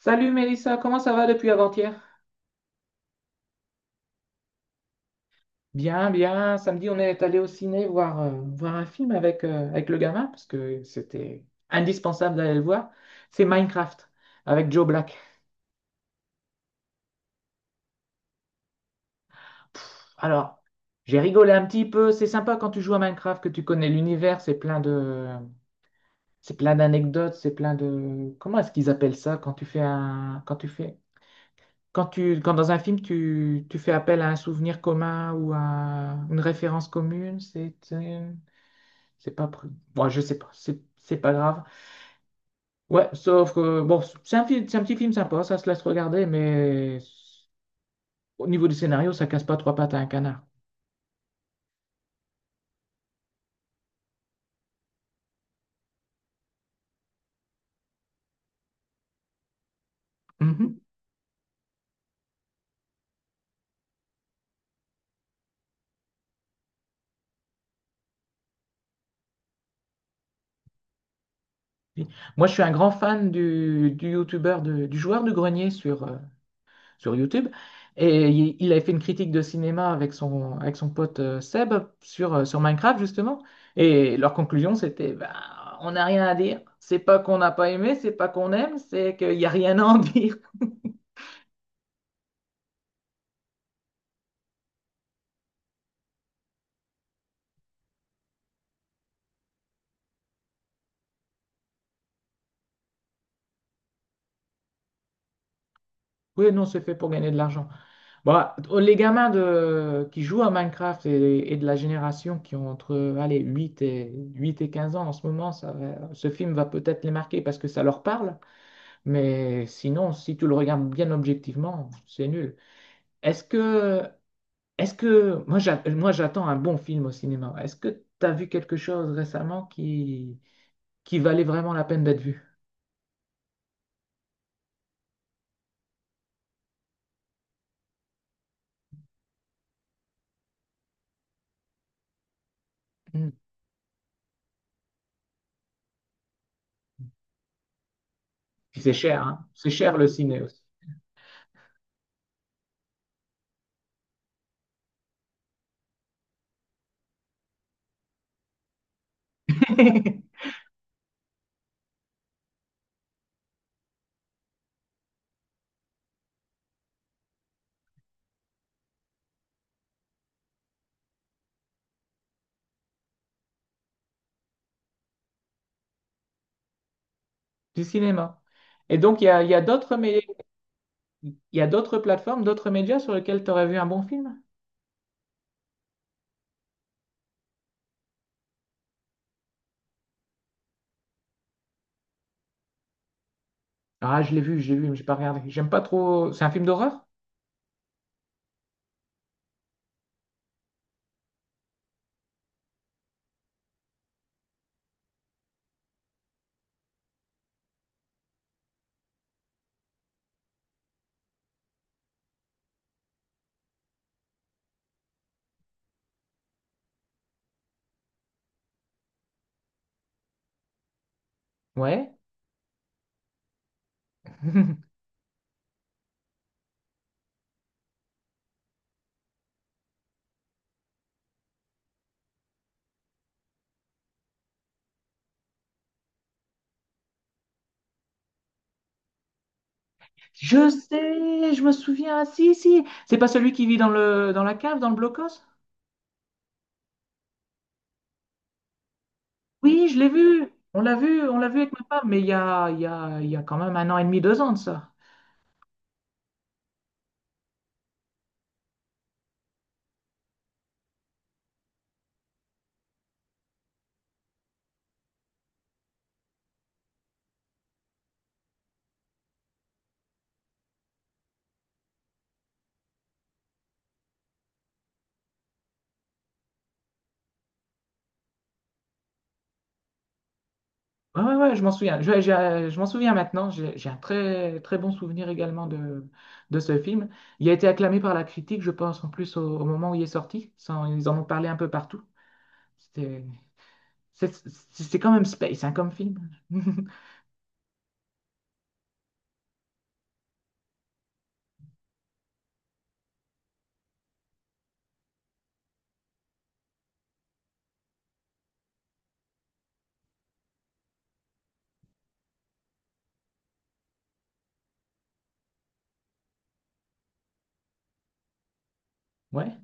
Salut Mélissa, comment ça va depuis avant-hier? Bien, bien. Samedi, on est allé au ciné voir, voir un film avec, avec le gamin parce que c'était indispensable d'aller le voir. C'est Minecraft avec Joe Black. Pff, alors, j'ai rigolé un petit peu. C'est sympa quand tu joues à Minecraft que tu connais l'univers. C'est plein d'anecdotes. C'est plein de. Comment est-ce qu'ils appellent ça quand tu fais un, quand tu fais, quand tu, quand dans un film tu fais appel à un souvenir commun ou à une référence commune. C'est pas. Pr- Moi, je sais pas. C'est pas grave. Ouais, sauf que bon, c'est un petit film sympa, ça se laisse regarder, mais au niveau du scénario, ça casse pas trois pattes à un canard. Mhm. Oui. Moi, je suis un grand fan du youtubeur, du joueur du grenier sur, sur YouTube. Et il avait fait une critique de cinéma avec son pote Seb sur Minecraft, justement. Et leur conclusion, c'était, bah, on n'a rien à dire. C'est pas qu'on n'a pas aimé, c'est pas qu'on aime, c'est qu'il n'y a rien à en dire. Oui, non, c'est fait pour gagner de l'argent. Bah, les gamins qui jouent à Minecraft et de la génération qui ont entre allez, 8 et 15 ans en ce moment, ce film va peut-être les marquer parce que ça leur parle. Mais sinon, si tu le regardes bien objectivement, c'est nul. Est-ce que, est-ce que moi, j'attends un bon film au cinéma. Est-ce que tu as vu quelque chose récemment qui valait vraiment la peine d'être vu? Hmm. Puis c'est cher, hein? C'est cher le ciné aussi. du cinéma. Et donc, il y a d'autres plateformes, d'autres médias sur lesquels tu aurais vu un bon film? Ah, je l'ai vu, mais j'ai pas regardé. J'aime pas trop. C'est un film d'horreur? Ouais. Je sais, je me souviens. Ah, si, si. C'est pas celui qui vit dans la cave, dans le blocos? Oui, je l'ai vu. On l'a vu avec ma femme, mais il y a, il y a, il y a quand même 1 an et demi, 2 ans de ça. Ouais, ouais, ouais, je m'en souviens. Je m'en souviens maintenant. J'ai un très, très bon souvenir également de ce film. Il a été acclamé par la critique, je pense, en plus au moment où il est sorti. Ça, ils en ont parlé un peu partout. C'était c'est quand même space, hein, comme film. Ouais.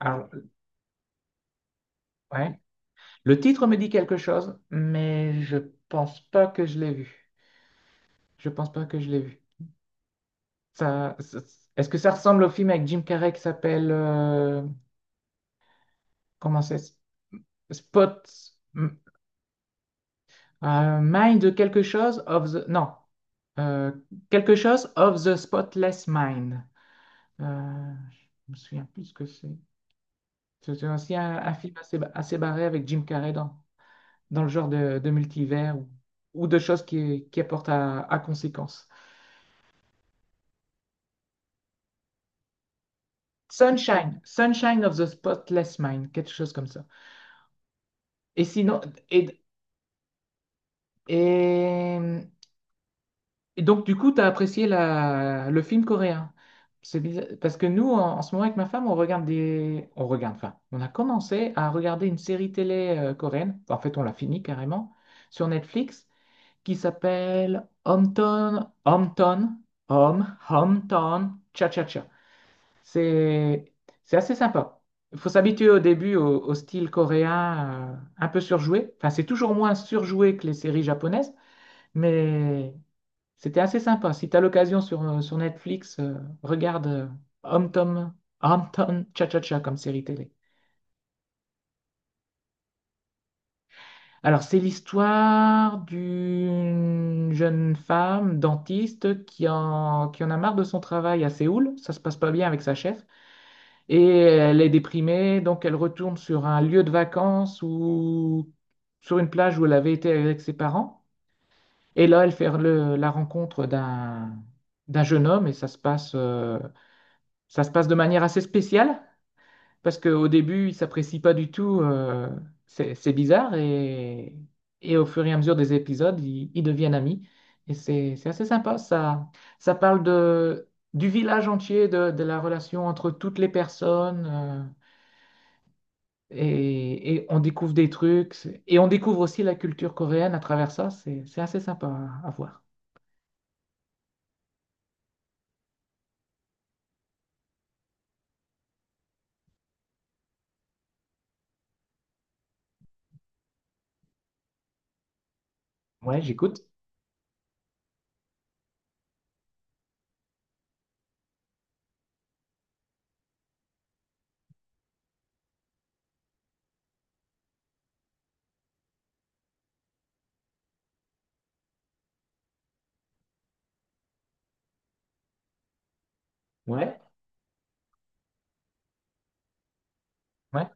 Alors, ouais. Le titre me dit quelque chose, mais je pense pas que je l'ai vu. Je pense pas que je l'ai vu. Ça, ça- est-ce que ça ressemble au film avec Jim Carrey qui s'appelle comment c'est? Spot. Mind quelque chose of the... Non. Euh, quelque chose of the spotless mind. Euh, je me souviens plus ce que c'est. C'est aussi un film assez, assez barré avec Jim Carrey dans le genre de multivers ou de choses qui apportent à conséquence. Sunshine. Sunshine of the spotless mind. Quelque chose comme ça. Et sinon... Et, et Et donc, du coup, t'as apprécié le film coréen. Parce que nous, en ce moment, avec ma femme, on regarde des... On regarde, enfin, on a commencé à regarder une série télé coréenne. En fait, on l'a fini carrément sur Netflix qui s'appelle Hometown Cha-Cha-Cha. C'est c'est assez sympa. Il faut s'habituer au début au style coréen un peu surjoué. Enfin, c'est toujours moins surjoué que les séries japonaises, mais c'était assez sympa. Si tu as l'occasion sur Netflix, regarde Home Tom, Home Tom Cha-Cha-Cha comme série télé. Alors, c'est l'histoire d'une jeune femme dentiste qui en a marre de son travail à Séoul. Ça se passe pas bien avec sa chef. Et elle est déprimée, donc elle retourne sur un lieu de vacances ou sur une plage où elle avait été avec ses parents. Et là, elle fait la rencontre d'un d'un jeune homme et Ça se passe de manière assez spéciale parce qu'au début, ils s'apprécient pas du tout. C'est bizarre et au fur et à mesure des épisodes, ils deviennent amis. Et c'est assez sympa. Ça parle du village entier, de la relation entre toutes les personnes. Et on découvre des trucs. Et on découvre aussi la culture coréenne à travers ça. C'est assez sympa à voir. Ouais, j'écoute. Ouais, ouais.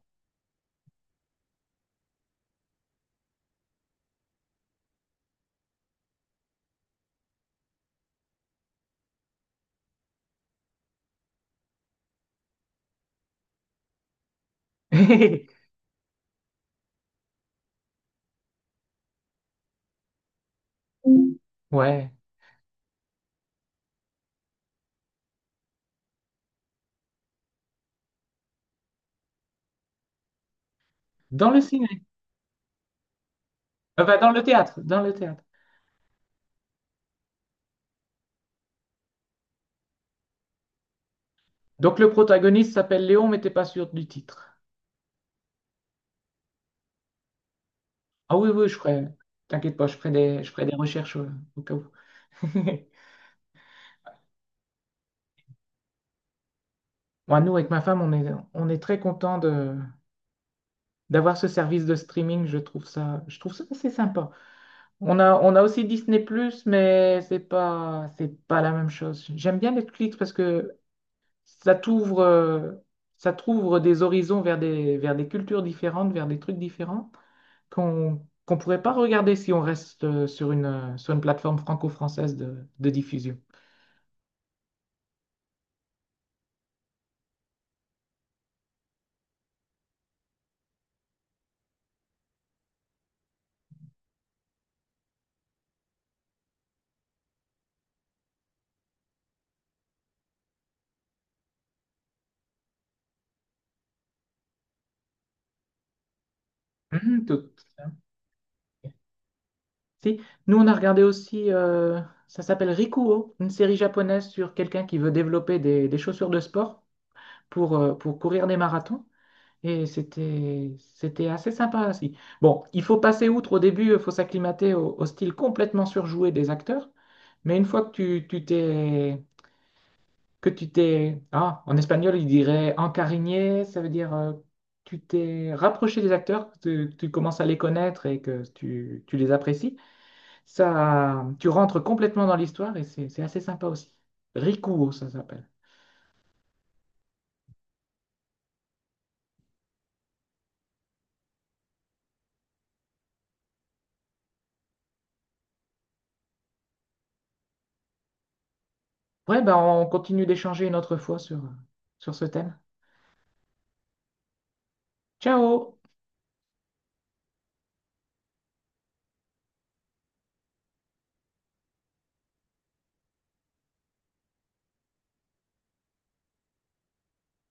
Ouais. Dans le ciné. Enfin, dans le théâtre. Dans le théâtre. Donc le protagoniste s'appelle Léon, mais t'es pas sûr du titre. Ah oui, oui, je ferai. T'inquiète pas, je ferai des recherches au cas où. Moi, nous, avec ma femme, on est très content de d'avoir ce service de streaming. Je trouve ça assez sympa. On a aussi Disney+, mais c'est pas la même chose. J'aime bien Netflix parce que ça t'ouvre, euh, ça t'ouvre des horizons vers des cultures différentes, vers des trucs différents. Qu'on pourrait pas regarder si on reste sur une plateforme franco-française de diffusion. Mhm, tout. Si. Nous, on a regardé aussi, ça s'appelle Rikuo, une série japonaise sur quelqu'un qui veut développer des chaussures de sport pour courir des marathons. Et c'était assez sympa aussi. Bon, il faut passer outre au début, il faut s'acclimater au style complètement surjoué des acteurs. Mais une fois que tu, tu t'es, Ah, en espagnol, il dirait encariñé, ça veut dire tu t'es rapproché des acteurs, que tu commences à les connaître et que tu les apprécies. Ça, tu rentres complètement dans l'histoire et c'est assez sympa aussi. Rico, ça s'appelle. Ouais, ben on continue d'échanger une autre fois sur ce thème. Ciao!